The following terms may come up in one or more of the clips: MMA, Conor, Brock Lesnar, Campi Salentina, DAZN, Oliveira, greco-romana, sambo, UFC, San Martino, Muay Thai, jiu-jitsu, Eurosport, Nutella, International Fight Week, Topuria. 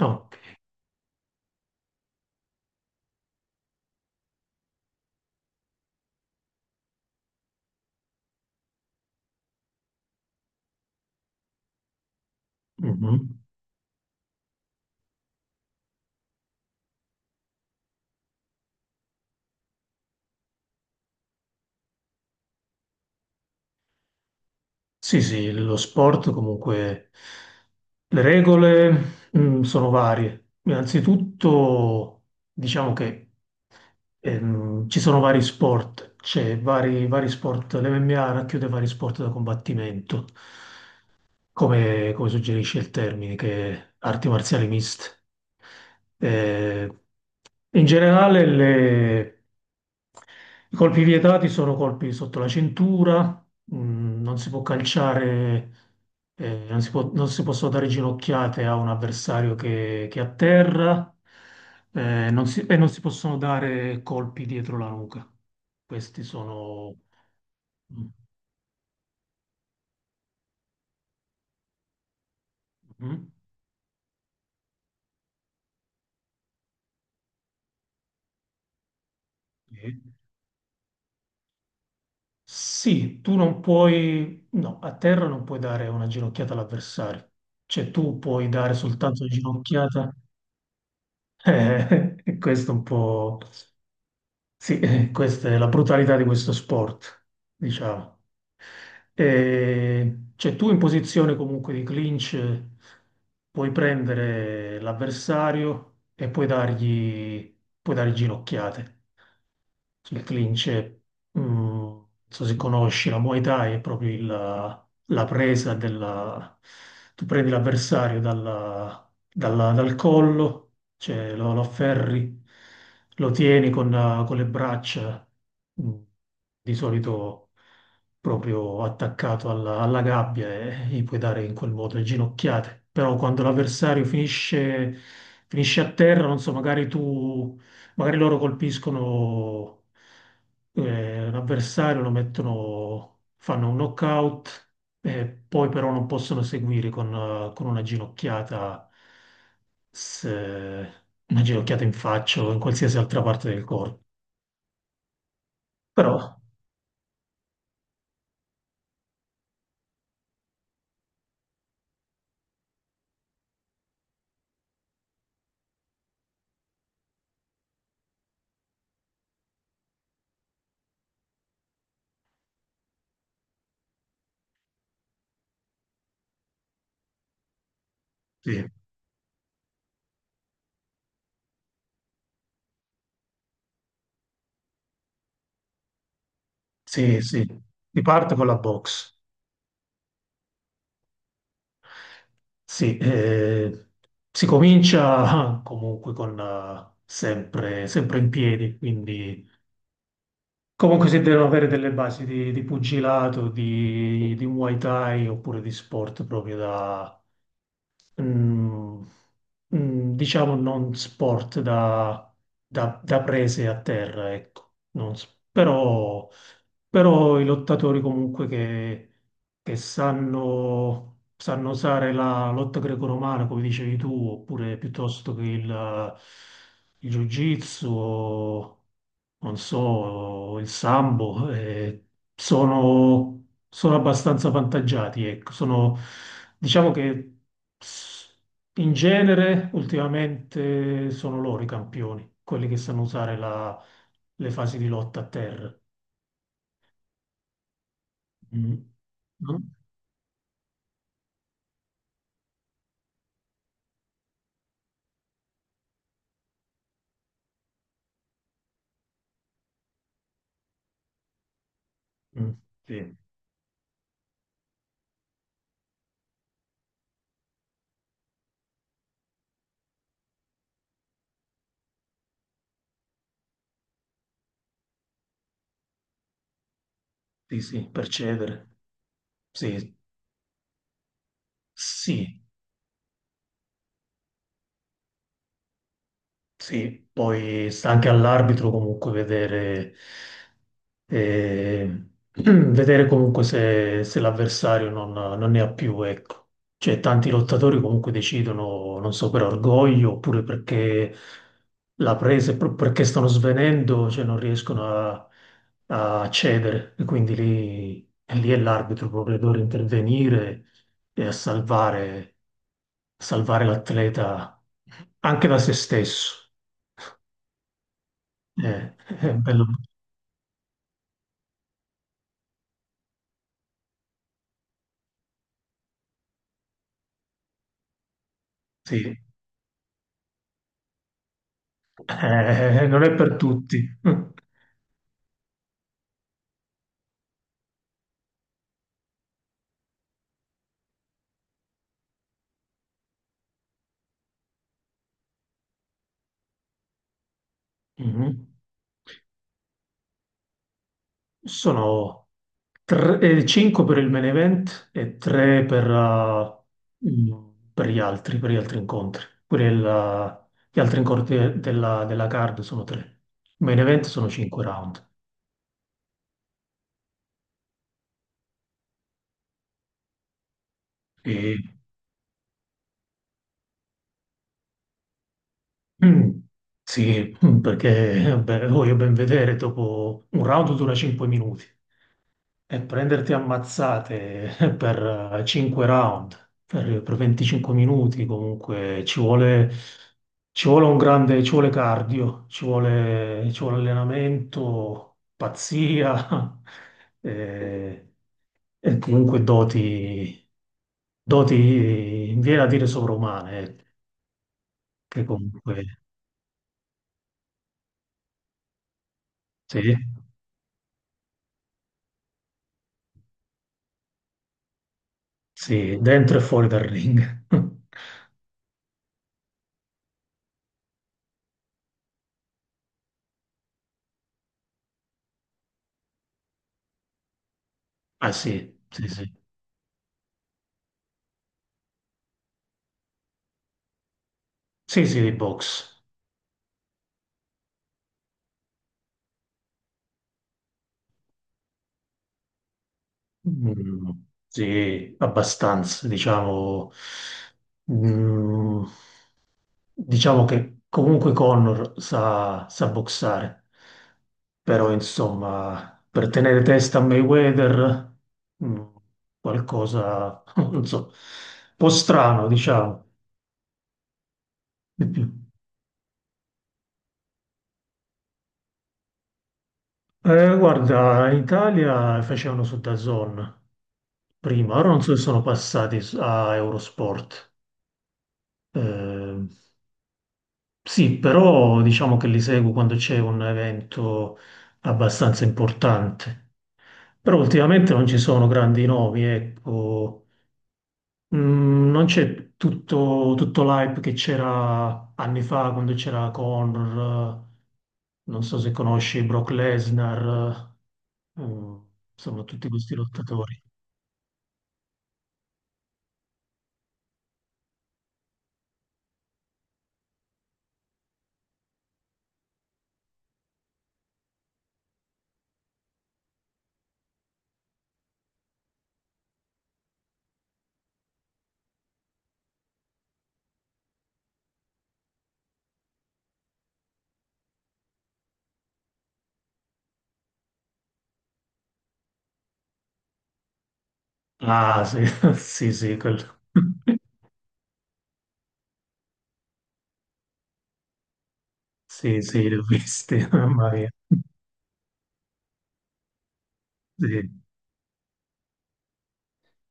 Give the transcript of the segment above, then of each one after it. No. Mhm. Sì, sì, lo sport comunque, le regole, sono varie. Innanzitutto, diciamo che ci sono vari sport, c'è vari sport, l'MMA racchiude vari sport da combattimento, come suggerisce il termine, che è arti marziali miste. Eh, In generale, i colpi vietati sono colpi sotto la cintura, non si può calciare, non si possono dare ginocchiate a un avversario che atterra, non si- e non si possono dare colpi dietro la nuca. Questi sono. Mm. Mhm. Sì, sì, tu non puoi. No, a terra non puoi dare una ginocchiata all'avversario. Cioè tu puoi dare soltanto una ginocchiata. Questo è un po'. Sì, questa è la brutalità di questo sport, diciamo. Cioè tu in posizione comunque di clinch puoi prendere l'avversario e puoi dare ginocchiate. Il clinch, è, non so se conosci, la Muay Thai è proprio la presa della. Tu prendi l'avversario dal collo cioè lo afferri, lo tieni con le braccia, mm, di solito proprio attaccato alla gabbia e gli puoi dare in quel modo le ginocchiate. Però quando l'avversario finisce, a terra, non so, magari loro colpiscono l'avversario, lo mettono, fanno un knockout e poi però non possono seguire con una ginocchiata se una ginocchiata in faccia o in qualsiasi altra parte del corpo. Però sì, sì, sì, si parte con la box. Sì, si comincia ah, comunque sempre, sempre in piedi, quindi comunque si devono avere delle basi di pugilato, di Muay Thai oppure di sport proprio da mm, diciamo non sport da prese a terra, ecco. Non s- però, però i lottatori comunque che sanno usare la lotta greco-romana, come dicevi tu, oppure piuttosto che il jiu-jitsu non so, il sambo, sono abbastanza vantaggiati, ecco. Diciamo che s- in genere ultimamente sono loro i campioni, quelli che sanno usare le fasi di lotta a terra. Mm. No? Mm. Sì, sì, sì, per cedere. Sì, sì, sì, poi sta anche all'arbitro comunque vedere, eh, vedere comunque se l'avversario non ne ha più, ecco. Cioè, tanti lottatori comunque decidono, non so, per orgoglio oppure perché la presa, perché stanno svenendo, cioè non riescono a cedere. E quindi lì è l'arbitro proprio che deve intervenire e a salvare l'atleta anche da se stesso. Eh, è bello, sì. Non è per tutti. Mhm. Sono 5 per il main event e 3 per, per gli altri incontri. Pure gli altri incontri della card sono 3. Main event sono 5 round. Sì. Mm, sì, perché beh, voglio ben vedere dopo un round dura 5 minuti e prenderti ammazzate per 5 round, per 25 minuti comunque ci vuole un grande, ci vuole cardio, ci vuole allenamento, pazzia eh, e comunque doti, viene a dire sovrumane, che comunque sì. Sì, dentro e fuori dal ring. Ah sì, sì, sì. Sì, sì, di box. Mm, sì, abbastanza, diciamo. Mm, diciamo che comunque Connor sa boxare, però insomma, per tenere testa a Mayweather, mm, qualcosa, non so, un po' strano, diciamo. Di più. Guarda, in Italia facevano su DAZN. Prima, ora non so se sono passati a Eurosport. Eh, sì, però diciamo che li seguo quando c'è un evento abbastanza importante. Però ultimamente non ci sono grandi nomi, ecco. Non c'è tutto, l'hype che c'era anni fa quando c'era Conor, non so se conosci Brock Lesnar, eh, mm, insomma tutti questi lottatori. Ah, sì, sì, sì, quello. Sì, sì, l'ho viste, mamma mia. Sì,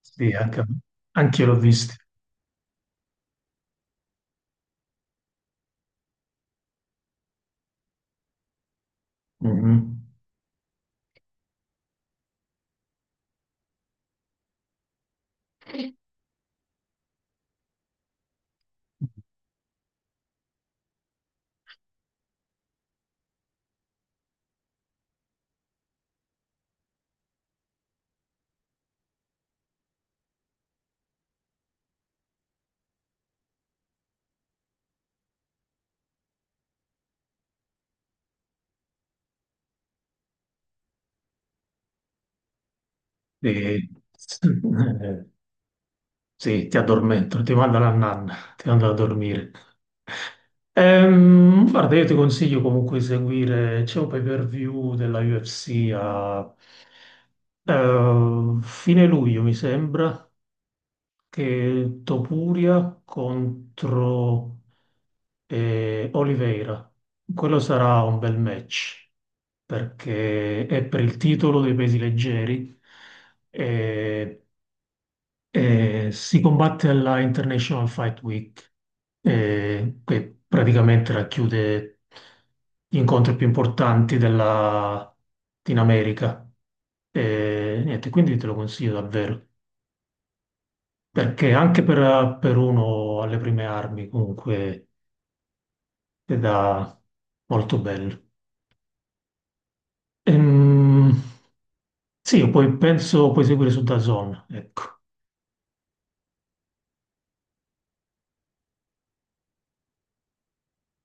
sì, anche io l'ho viste. Mhm. Sì. Sì, ti addormento, ti mando alla nanna, ti mando a dormire. Guarda, io ti consiglio comunque di seguire, c'è un pay-per-view della UFC a fine luglio, mi sembra, che Topuria contro e Oliveira. Quello sarà un bel match perché è per il titolo dei pesi leggeri e, e si combatte alla International Fight Week, che praticamente racchiude gli incontri più importanti in America. E niente, quindi te lo consiglio davvero. Perché anche per uno alle prime armi, comunque, è da molto bello. Ehm, sì, o poi penso puoi seguire su DAZN, ecco.